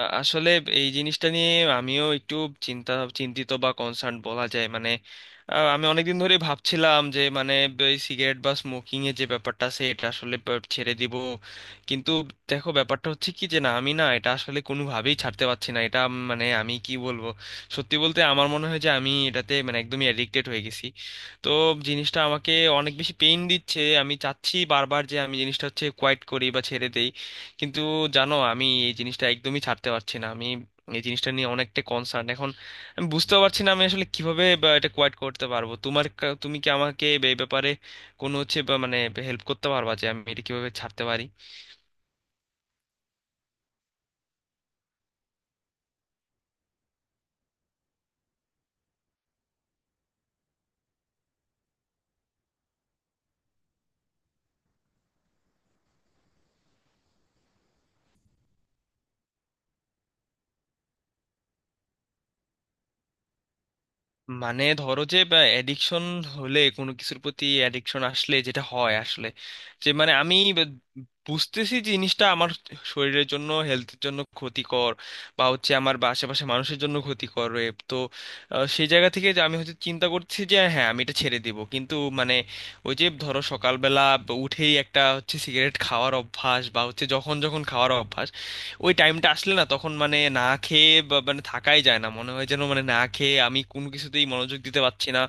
আসলে এই জিনিসটা নিয়ে আমিও একটু চিন্তা চিন্তিত বা কনসার্ন বলা যায়। আমি অনেকদিন ধরে ভাবছিলাম যে এই সিগারেট বা স্মোকিং এর যে ব্যাপারটা আছে এটা আসলে ছেড়ে দিব। কিন্তু দেখো, ব্যাপারটা হচ্ছে কি যে না, আমি না এটা আসলে কোনোভাবেই ছাড়তে পারছি না। মানে আমি কি বলবো, সত্যি বলতে আমার মনে হয় যে আমি এটাতে মানে একদমই অ্যাডিক্টেড হয়ে গেছি। তো জিনিসটা আমাকে অনেক বেশি পেইন দিচ্ছে। আমি চাচ্ছি বারবার যে আমি জিনিসটা হচ্ছে কোয়াইট করি বা ছেড়ে দেই, কিন্তু জানো, আমি এই জিনিসটা একদমই ছাড়তে পারছি না। আমি এই জিনিসটা নিয়ে অনেকটা কনসার্ন এখন। আমি বুঝতেও পারছি না আমি আসলে কিভাবে বা এটা কোয়াইট করতে পারবো। তুমি কি আমাকে এই ব্যাপারে কোনো হচ্ছে বা মানে হেল্প করতে পারবা যে আমি এটা কিভাবে ছাড়তে পারি? মানে ধরো যে অ্যাডিকশন হলে, কোনো কিছুর প্রতি অ্যাডিকশন আসলে যেটা হয় আসলে যে মানে বুঝতেছি যে জিনিসটা আমার শরীরের জন্য, হেলথের জন্য ক্ষতিকর বা হচ্ছে আমার বা আশেপাশে মানুষের জন্য ক্ষতিকর, এ তো। সেই জায়গা থেকে যে আমি হচ্ছে চিন্তা করছি যে হ্যাঁ, আমি এটা ছেড়ে দিব। কিন্তু মানে ওই যে ধরো সকালবেলা উঠেই একটা হচ্ছে সিগারেট খাওয়ার অভ্যাস বা হচ্ছে যখন যখন খাওয়ার অভ্যাস, ওই টাইমটা আসলে না, তখন মানে না খেয়ে মানে থাকাই যায় না মনে হয়, যেন মানে না খেয়ে আমি কোনো কিছুতেই মনোযোগ দিতে পারছি না।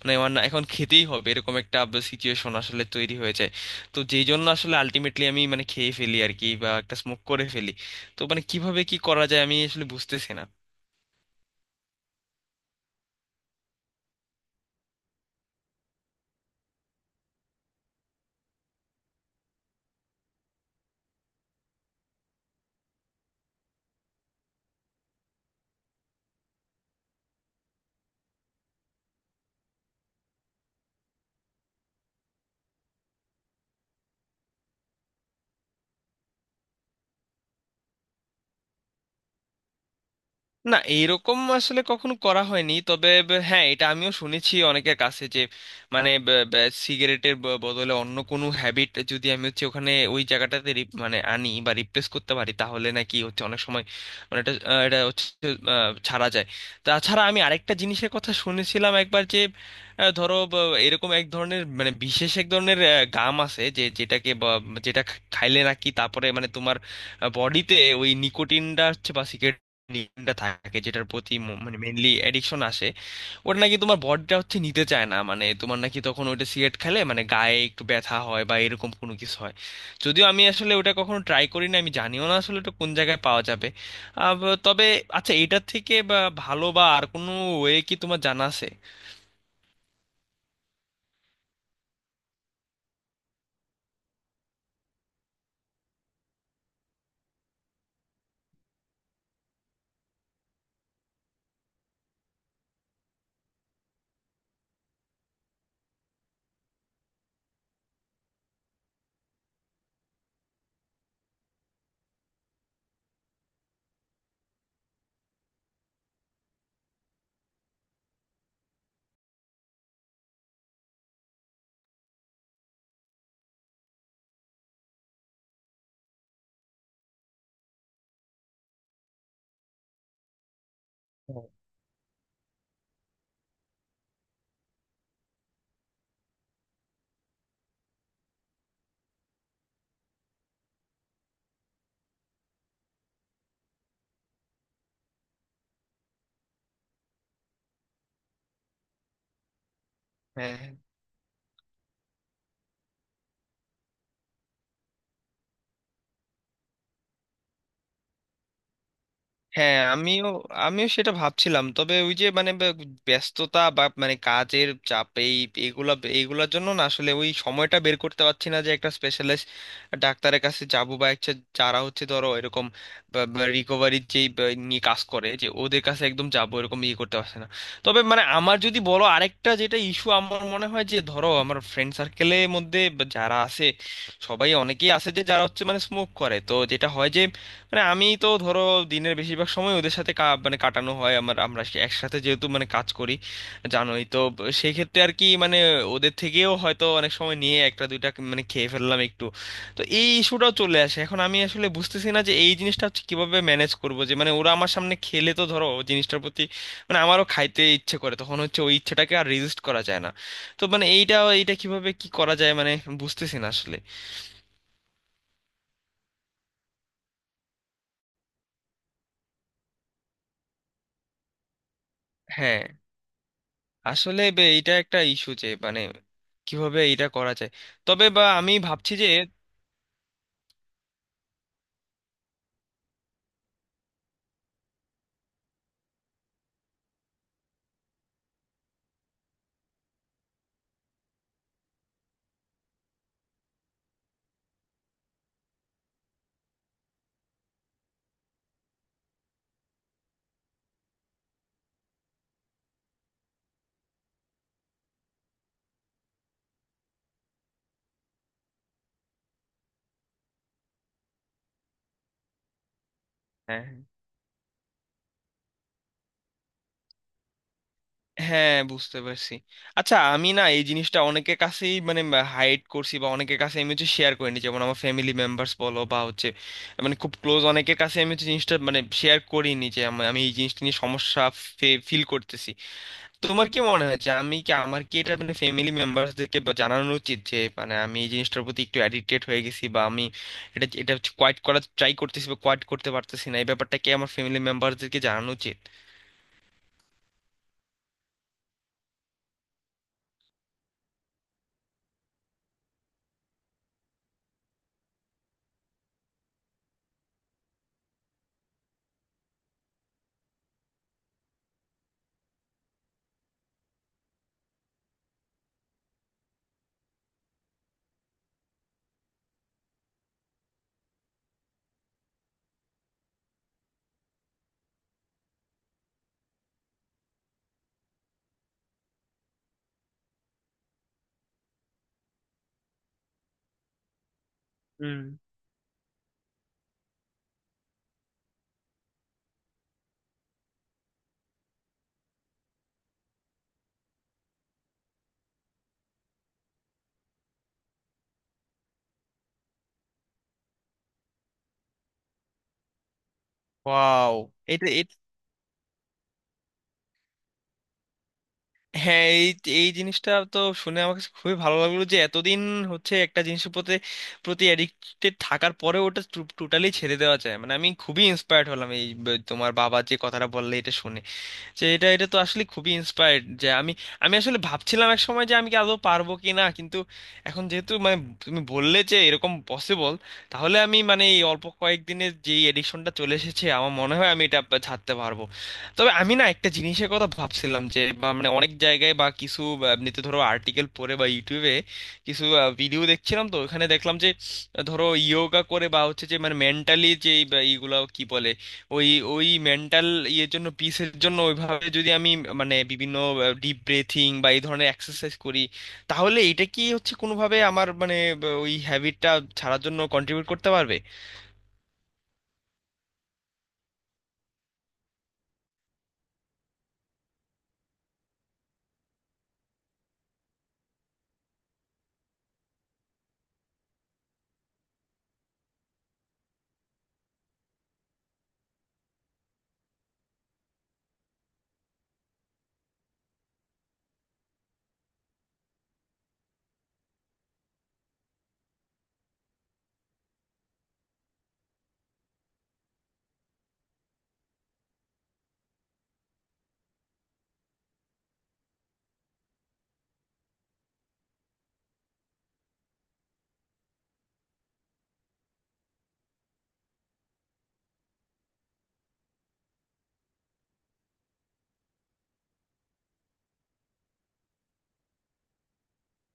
মানে আমার না এখন খেতেই হবে, এরকম একটা সিচুয়েশন আসলে তৈরি হয়ে যায়। তো যেই জন্য আসলে আলটিমেটলি আমি মানে খেয়ে ফেলি আর কি, বা একটা স্মোক করে ফেলি। তো মানে কিভাবে কি করা যায় আমি আসলে বুঝতেছি না। না, এইরকম আসলে কখনো করা হয়নি। তবে হ্যাঁ, এটা আমিও শুনেছি অনেকের কাছে যে মানে সিগারেটের বদলে অন্য কোনো হ্যাবিট যদি আমি হচ্ছে ওখানে ওই জায়গাটাতে মানে আনি বা রিপ্লেস করতে পারি, তাহলে নাকি হচ্ছে অনেক সময় এটা হচ্ছে ছাড়া যায়। তাছাড়া আমি আরেকটা জিনিসের কথা শুনেছিলাম একবার যে ধরো, এরকম এক ধরনের মানে বিশেষ এক ধরনের গাম আছে যে যেটা খাইলে নাকি তারপরে মানে তোমার বডিতে ওই নিকোটিনটা হচ্ছে বা cigarette নিকোটিনটা থাকে, যেটার প্রতি মানে মেনলি অ্যাডিকশন আসে, ওটা নাকি তোমার বডিটা হচ্ছে নিতে চায় না। মানে তোমার নাকি তখন ওটা সিগারেট খেলে মানে গায়ে একটু ব্যথা হয় বা এরকম কোনো কিছু হয়। যদিও আমি আসলে ওটা কখনো ট্রাই করি না, আমি জানিও না আসলে ওটা কোন জায়গায় পাওয়া যাবে। তবে আচ্ছা, এটার থেকে বা ভালো বা আর কোনো ওয়ে কি তোমার জানা আছে? হ্যাঁ, হ্যাঁ, আমিও, আমিও সেটা ভাবছিলাম। তবে ওই যে মানে ব্যস্ততা বা মানে কাজের চাপ, এই এগুলা এগুলার জন্য না আসলে ওই সময়টা বের করতে পারছি না যে একটা স্পেশালিস্ট ডাক্তারের কাছে যাব, বা একটা যারা হচ্ছে ধরো এরকম রিকভারির নিয়ে কাজ করে যে ওদের কাছে একদম যাবো, এরকম ইয়ে করতে পারছে না। তবে মানে আমার যদি বলো, আরেকটা যেটা ইস্যু আমার মনে হয় যে ধরো আমার ফ্রেন্ড সার্কেলের মধ্যে বা যারা আছে, অনেকেই আছে যে যারা হচ্ছে মানে স্মোক করে। তো যেটা হয় যে মানে আমি তো ধরো দিনের বেশিরভাগ সময় ওদের সাথে মানে কাটানো হয় আমার, আমরা একসাথে যেহেতু মানে কাজ করি, জানোই তো সেই ক্ষেত্রে আর কি। মানে ওদের থেকেও হয়তো অনেক সময় নিয়ে একটা দুইটা মানে খেয়ে ফেললাম একটু। তো এই ইস্যুটাও চলে আসে। এখন আমি আসলে বুঝতেছি না যে এই জিনিসটা হচ্ছে কিভাবে ম্যানেজ করব, যে মানে ওরা আমার সামনে খেলে তো ধরো জিনিসটার প্রতি মানে আমারও খাইতে ইচ্ছে করে। তখন হচ্ছে ওই ইচ্ছেটাকে আর রেজিস্ট করা যায় না। তো মানে এইটা এইটা কিভাবে কি করা যায় মানে বুঝতেছি না আসলে। হ্যাঁ, আসলে বে এটা একটা ইস্যু যে মানে কিভাবে এটা করা যায়। তবে বা আমি ভাবছি যে হ্যাঁ। হ্যাঁ, বুঝতে পারছি। আচ্ছা, আমি না এই জিনিসটা অনেকের কাছেই মানে হাইড করছি বা অনেকের কাছে আমি হচ্ছে শেয়ার করিনি, যেমন আমার ফ্যামিলি মেম্বার্স বলো বা হচ্ছে মানে খুব ক্লোজ অনেকের কাছে আমি হচ্ছে জিনিসটা মানে শেয়ার করিনি যে আমি আমি এই জিনিসটা নিয়ে সমস্যা ফিল করতেছি। তোমার কি মনে হয় যে আমি কি, আমার কি এটা মানে ফ্যামিলি মেম্বারসদেরকে জানানো উচিত যে মানে আমি এই জিনিসটার প্রতি একটু অ্যাডিক্টেড হয়ে গেছি বা আমি এটা এটা কোয়াইট করার ট্রাই করতেছি বা কোয়াইট করতে পারতেছি না, এই ব্যাপারটা কি আমার ফ্যামিলি মেম্বারসদেরকে জানানো উচিত? ওয়াও। এটা এ- হ্যাঁ, এই এই জিনিসটা তো শুনে আমার কাছে খুবই ভালো লাগলো যে এতদিন হচ্ছে একটা জিনিসের প্রতি প্রতি অ্যাডিক্টেড থাকার পরে ওটা টোটালি ছেড়ে দেওয়া যায়। মানে আমি খুবই ইন্সপায়ার্ড হলাম এই তোমার বাবা যে কথাটা বললে এটা শুনে, যে এটা এটা তো আসলে খুবই ইন্সপায়ার্ড যে আমি, আমি আসলে ভাবছিলাম এক সময় যে আমি কি আদৌ পারবো কি না। কিন্তু এখন যেহেতু মানে তুমি বললে যে এরকম পসিবল, তাহলে আমি মানে এই অল্প কয়েকদিনে যেই এডিকশনটা চলে এসেছে আমার মনে হয় আমি এটা ছাড়তে পারবো। তবে আমি না একটা জিনিসের কথা ভাবছিলাম যে বা মানে অনেক জায়গায় বা কিছু বা এমনিতে ধরো আর্টিকেল পড়ে বা ইউটিউবে কিছু ভিডিও দেখছিলাম, তো ওখানে দেখলাম যে ধরো ইয়োগা করে বা হচ্ছে যে মানে মেন্টালি যে এইগুলা কি বলে, ওই ওই মেন্টাল ইয়ের জন্য, পিসের জন্য, ওইভাবে যদি আমি মানে বিভিন্ন ডিপ ব্রেথিং বা এই ধরনের এক্সারসাইজ করি, তাহলে এটা কি হচ্ছে কোনোভাবে আমার মানে ওই হ্যাবিটটা ছাড়ার জন্য কন্ট্রিবিউট করতে পারবে?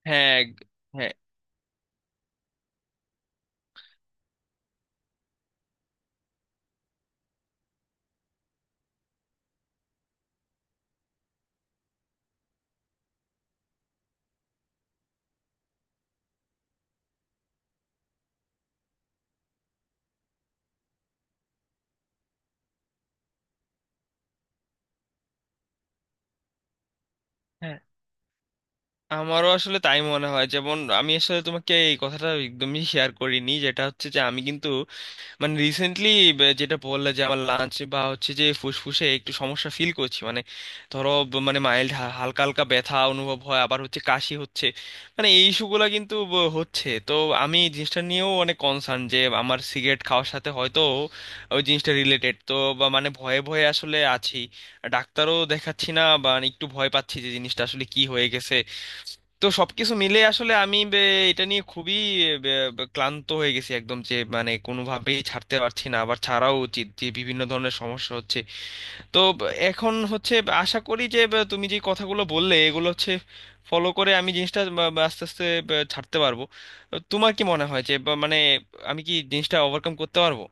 হ্যাঁ গ- হ্যাঁ। হ্যাঁ, আমারও আসলে তাই মনে হয়। যেমন আমি আসলে তোমাকে এই কথাটা একদমই শেয়ার করিনি, যেটা হচ্ছে যে আমি কিন্তু মানে রিসেন্টলি, যেটা বললে, যে আমার লাঞ্চ বা হচ্ছে যে ফুসফুসে একটু সমস্যা ফিল করছি। মানে ধরো মানে মাইল্ড, হালকা হালকা ব্যথা অনুভব হয়, আবার হচ্ছে কাশি হচ্ছে, মানে এই ইস্যুগুলো কিন্তু হচ্ছে তো। আমি এই জিনিসটা নিয়েও অনেক কনসার্ন যে আমার সিগারেট খাওয়ার সাথে হয়তো ওই জিনিসটা রিলেটেড তো, বা মানে ভয়ে ভয়ে আসলে আছি। ডাক্তারও দেখাচ্ছি না, বা মানে একটু ভয় পাচ্ছি যে জিনিসটা আসলে কি হয়ে গেছে। তো সবকিছু মিলে আসলে এটা নিয়ে খুবই বে- বে- ক্লান্ত হয়ে গেছি একদম, যে মানে কোনোভাবেই ছাড়তে পারছি না, আবার ছাড়াও উচিত যে বিভিন্ন ধরনের সমস্যা হচ্ছে। তো এখন হচ্ছে আশা করি যে তুমি যে কথাগুলো বললে এগুলো হচ্ছে ফলো করে আমি জিনিসটা বা আস্তে আস্তে ছাড়তে পারবো। তোমার কি মনে হয় যে মানে আমি কি জিনিসটা ওভারকাম করতে পারবো?